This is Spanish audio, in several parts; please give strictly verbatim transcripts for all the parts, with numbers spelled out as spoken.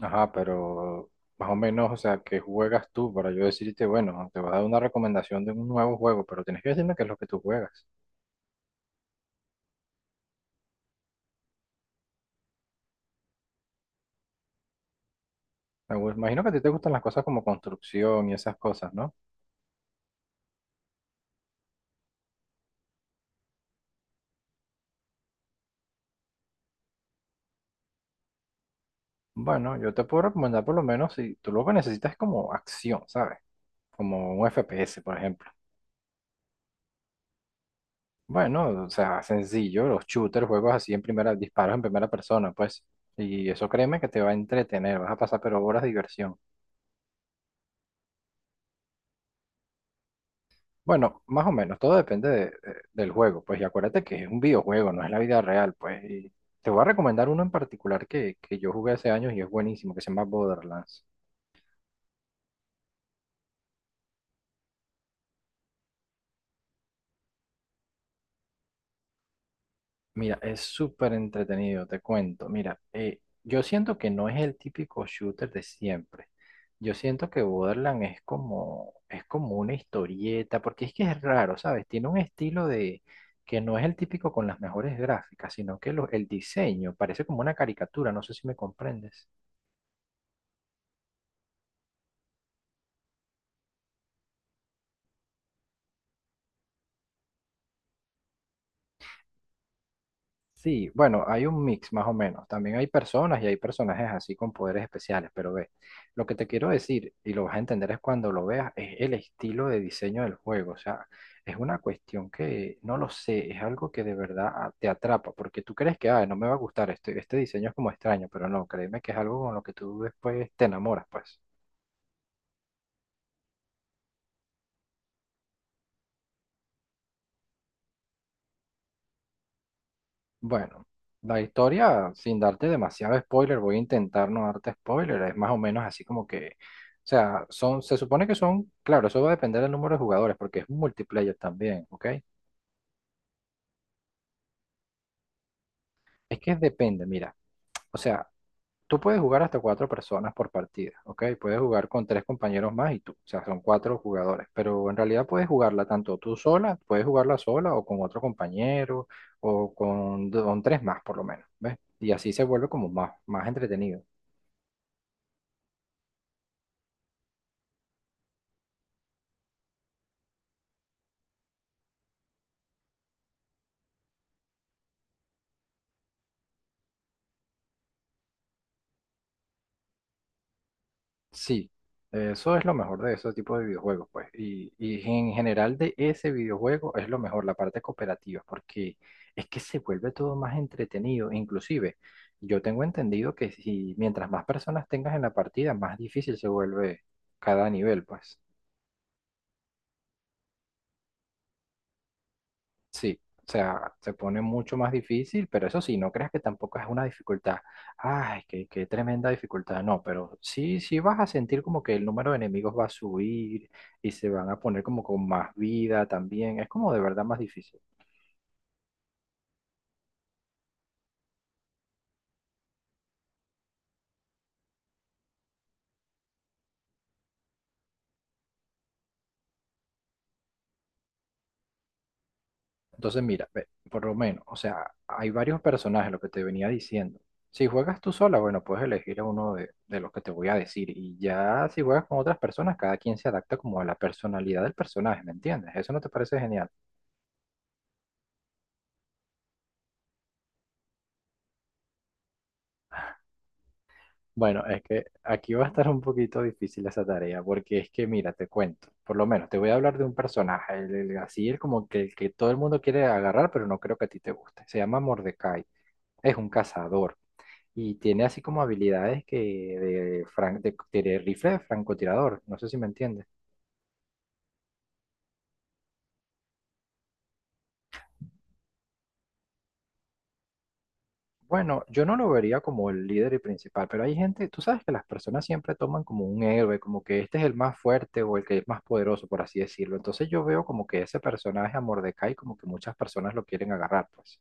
Ajá, pero más o menos, o sea, ¿qué juegas tú para yo decirte, bueno, te vas a dar una recomendación de un nuevo juego, pero tienes que decirme qué es lo que tú juegas. Me gu- Imagino que a ti te gustan las cosas como construcción y esas cosas, ¿no? Bueno, yo te puedo recomendar por lo menos si tú lo que necesitas es como acción, ¿sabes? Como un F P S, por ejemplo. Bueno, o sea, sencillo, los shooters, juegos así en primera, disparos en primera persona, pues. Y eso créeme que te va a entretener, vas a pasar pero horas de diversión. Bueno, más o menos, todo depende de- de- del juego, pues, y acuérdate que es un videojuego, no es la vida real, pues, y te voy a recomendar uno en particular que, que yo jugué hace años y es buenísimo, que se llama Borderlands. Mira, es súper entretenido, te cuento. Mira, eh, yo siento que no es el típico shooter de siempre. Yo siento que Borderlands es como, es como una historieta, porque es que es raro, ¿sabes? Tiene un estilo de que no es el típico con las mejores gráficas, sino que lo- el diseño parece como una caricatura, no sé si me comprendes. Sí, bueno, hay un mix más o menos. También hay personas y hay personajes así con poderes especiales, pero ve, lo que te quiero decir, y lo vas a entender es cuando lo veas, es el estilo de diseño del juego. O sea, es una cuestión que, no lo sé, es algo que de verdad ah, te atrapa, porque tú crees que, ah, no me va a gustar, este, este diseño es como extraño, pero no, créeme que es algo con lo que tú después te enamoras, pues. Bueno, la historia, sin darte demasiado spoiler, voy a intentar no darte spoiler, es más o menos así como que, o sea, son, se supone que son, claro, eso va a depender del número de jugadores, porque es multiplayer también, ¿ok? Es que depende, mira, o sea, tú puedes jugar hasta cuatro personas por partida, ¿ok? Puedes jugar con tres compañeros más y tú, o sea, son cuatro jugadores, pero en realidad puedes jugarla tanto tú sola, puedes jugarla sola o con otro compañero o con, con tres más por lo menos, ¿ves? Y así se vuelve como más, más entretenido. Sí, eso es lo mejor de ese tipo de videojuegos, pues. Y, y en general de ese videojuego es lo mejor, la parte cooperativa, porque es que se vuelve todo más entretenido. Inclusive, yo tengo entendido que si mientras más personas tengas en la partida, más difícil se vuelve cada nivel, pues. Sí, o sea, se pone mucho más difícil, pero eso sí, no creas que tampoco es una dificultad. Ay, qué, qué tremenda dificultad. No, pero sí, sí vas a sentir como que el número de enemigos va a subir y se van a poner como con más vida también. Es como de verdad más difícil. Entonces, mira, ve, por lo menos, o sea, hay varios personajes, lo que te venía diciendo. Si juegas tú sola, bueno, puedes elegir a uno de, de los que te voy a decir. Y ya si juegas con otras personas, cada quien se adapta como a la personalidad del personaje, ¿me entiendes? ¿Eso no te parece genial? Bueno, es que aquí va a estar un poquito difícil esa tarea, porque es que, mira, te cuento, por lo menos te voy a hablar de un personaje, el, el- así el como que, el que todo el mundo quiere agarrar, pero no creo que a ti te guste. Se llama Mordecai, es un cazador y tiene así como habilidades que de, fran- de, de rifle de francotirador, no sé si me entiendes. Bueno, yo no lo vería como el líder y principal, pero hay gente, tú sabes que las personas siempre toman como un héroe, como que este es el más fuerte o el que es más poderoso, por así decirlo. Entonces yo veo como que ese personaje a Mordecai, como que muchas personas lo quieren agarrar, pues.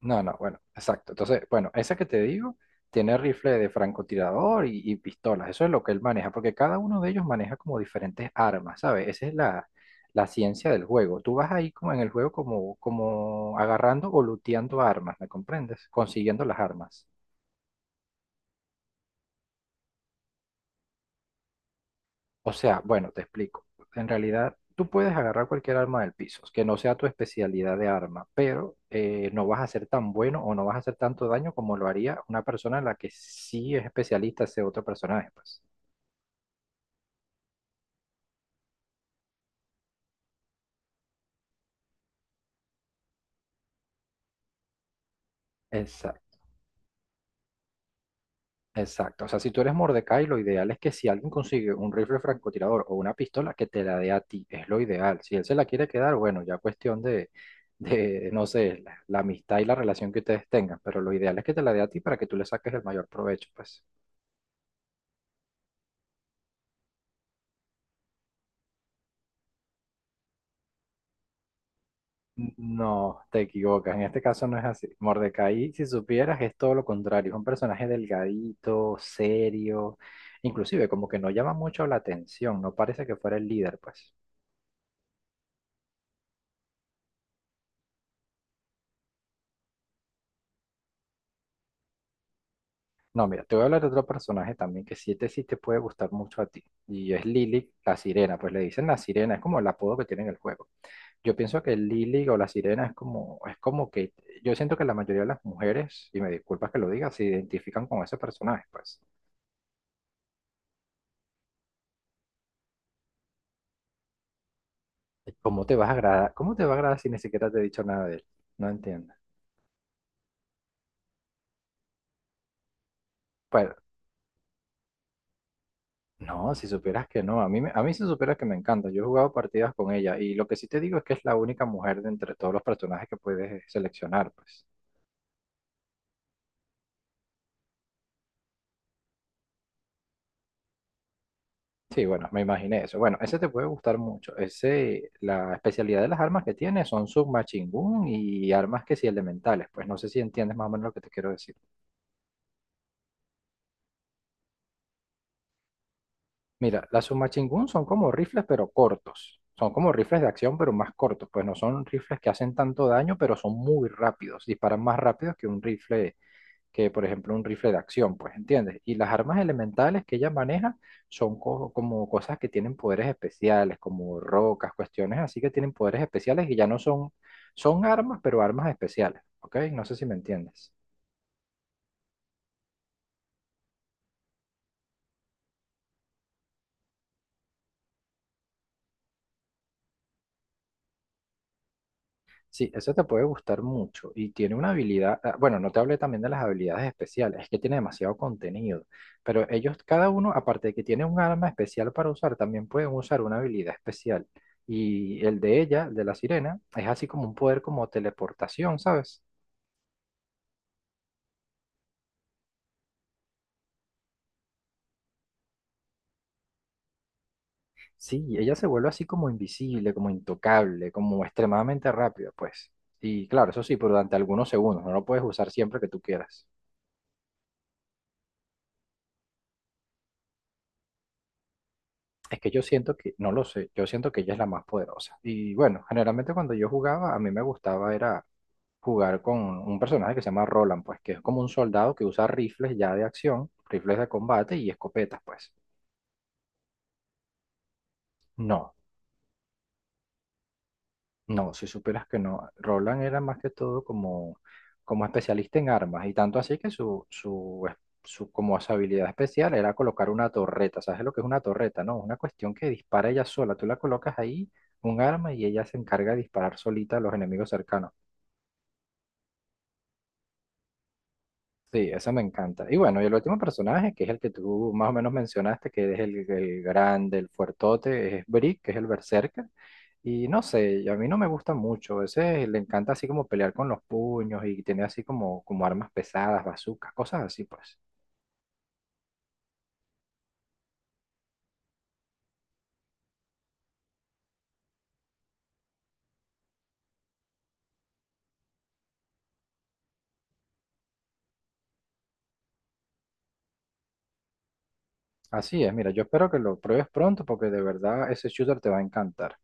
No, no, bueno, exacto. Entonces, bueno, esa que te digo tiene rifle de francotirador y, y pistolas. Eso es lo que él maneja, porque cada uno de ellos maneja como diferentes armas, ¿sabes? Esa es la, la ciencia del juego. Tú vas ahí como en el juego como, como agarrando o looteando armas, ¿me comprendes? Consiguiendo las armas. O sea, bueno, te explico. En realidad, tú puedes agarrar cualquier arma del piso, que no sea tu especialidad de arma, pero eh, no vas a ser tan bueno o no vas a hacer tanto daño como lo haría una persona en la que sí es especialista ese otro personaje, pues. Exacto, exacto. O sea, si tú eres Mordecai, lo ideal es que si alguien consigue un rifle francotirador o una pistola, que te la dé a ti, es lo ideal. Si él se la quiere quedar, bueno, ya cuestión de, de no sé, la la amistad y la relación que ustedes tengan, pero lo ideal es que te la dé a ti para que tú le saques el mayor provecho, pues. No, te equivocas. En este caso no es así. Mordecai, si supieras, es todo lo contrario. Es un personaje delgadito, serio, inclusive como que no llama mucho la atención. No parece que fuera el líder, pues. No, mira, te voy a hablar de otro personaje también que sí te, sí te puede gustar mucho a ti. Y es Lily, la sirena. Pues le dicen la sirena, es como el apodo que tiene en el juego. Yo pienso que Lily o la sirena es como, es como que yo siento que la mayoría de las mujeres, y me disculpas que lo diga, se identifican con ese personaje, pues. ¿Cómo te vas a agradar? ¿Cómo te va a agradar si ni siquiera te he dicho nada de él? No entiendo. Pues, no, si supieras que no, a mí, me- a mí si supieras que me encanta. Yo he jugado partidas con ella y lo que sí te digo es que es la única mujer de entre todos los personajes que puedes seleccionar, pues. Sí, bueno, me imaginé eso. Bueno, ese te puede gustar mucho. Ese, la especialidad de las armas que tiene son submachine gun y armas que sí elementales. Pues no sé si entiendes más o menos lo que te quiero decir. Mira, las submachine son como rifles, pero cortos. Son como rifles de acción, pero más cortos. Pues no son rifles que hacen tanto daño, pero son muy rápidos. Disparan más rápido que un rifle, que por ejemplo un rifle de acción, pues, ¿entiendes? Y las armas elementales que ella maneja son co- como cosas que tienen poderes especiales, como rocas, cuestiones así que tienen poderes especiales y ya no son, son armas, pero armas especiales, ¿ok? No sé si me entiendes. Sí, eso te puede gustar mucho y tiene una habilidad, ah, bueno, no te hablé también de las habilidades especiales, es que tiene demasiado contenido, pero ellos cada uno, aparte de que tiene un arma especial para usar, también pueden usar una habilidad especial. Y el de ella, el de la sirena, es así como un poder como teleportación, ¿sabes? Sí, ella se vuelve así como invisible, como intocable, como extremadamente rápida, pues. Y claro, eso sí, pero durante algunos segundos, no lo puedes usar siempre que tú quieras. Es que yo siento que, no lo sé, yo siento que ella es la más poderosa. Y bueno, generalmente cuando yo jugaba, a mí me gustaba era jugar con un personaje que se llama Roland, pues que es como un soldado que usa rifles ya de acción, rifles de combate y escopetas, pues. No, No, si supieras que no. Roland era más que todo como, como especialista en armas y tanto así que su, su, es- su, como su habilidad especial era colocar una torreta. ¿Sabes lo que es una torreta? No, una cuestión que dispara ella sola. Tú la colocas ahí, un arma, y ella se encarga de disparar solita a los enemigos cercanos. Sí, eso me encanta. Y bueno, y el último personaje, que es el que tú más o menos mencionaste, que es el, el grande, el fuertote, es Brick, que es el berserker. Y no sé, y a mí no me gusta mucho. A veces le encanta así como pelear con los puños y tener así como, como armas pesadas, bazucas, cosas así, pues. Así es, mira, yo espero que lo pruebes pronto porque de verdad ese shooter te va a encantar.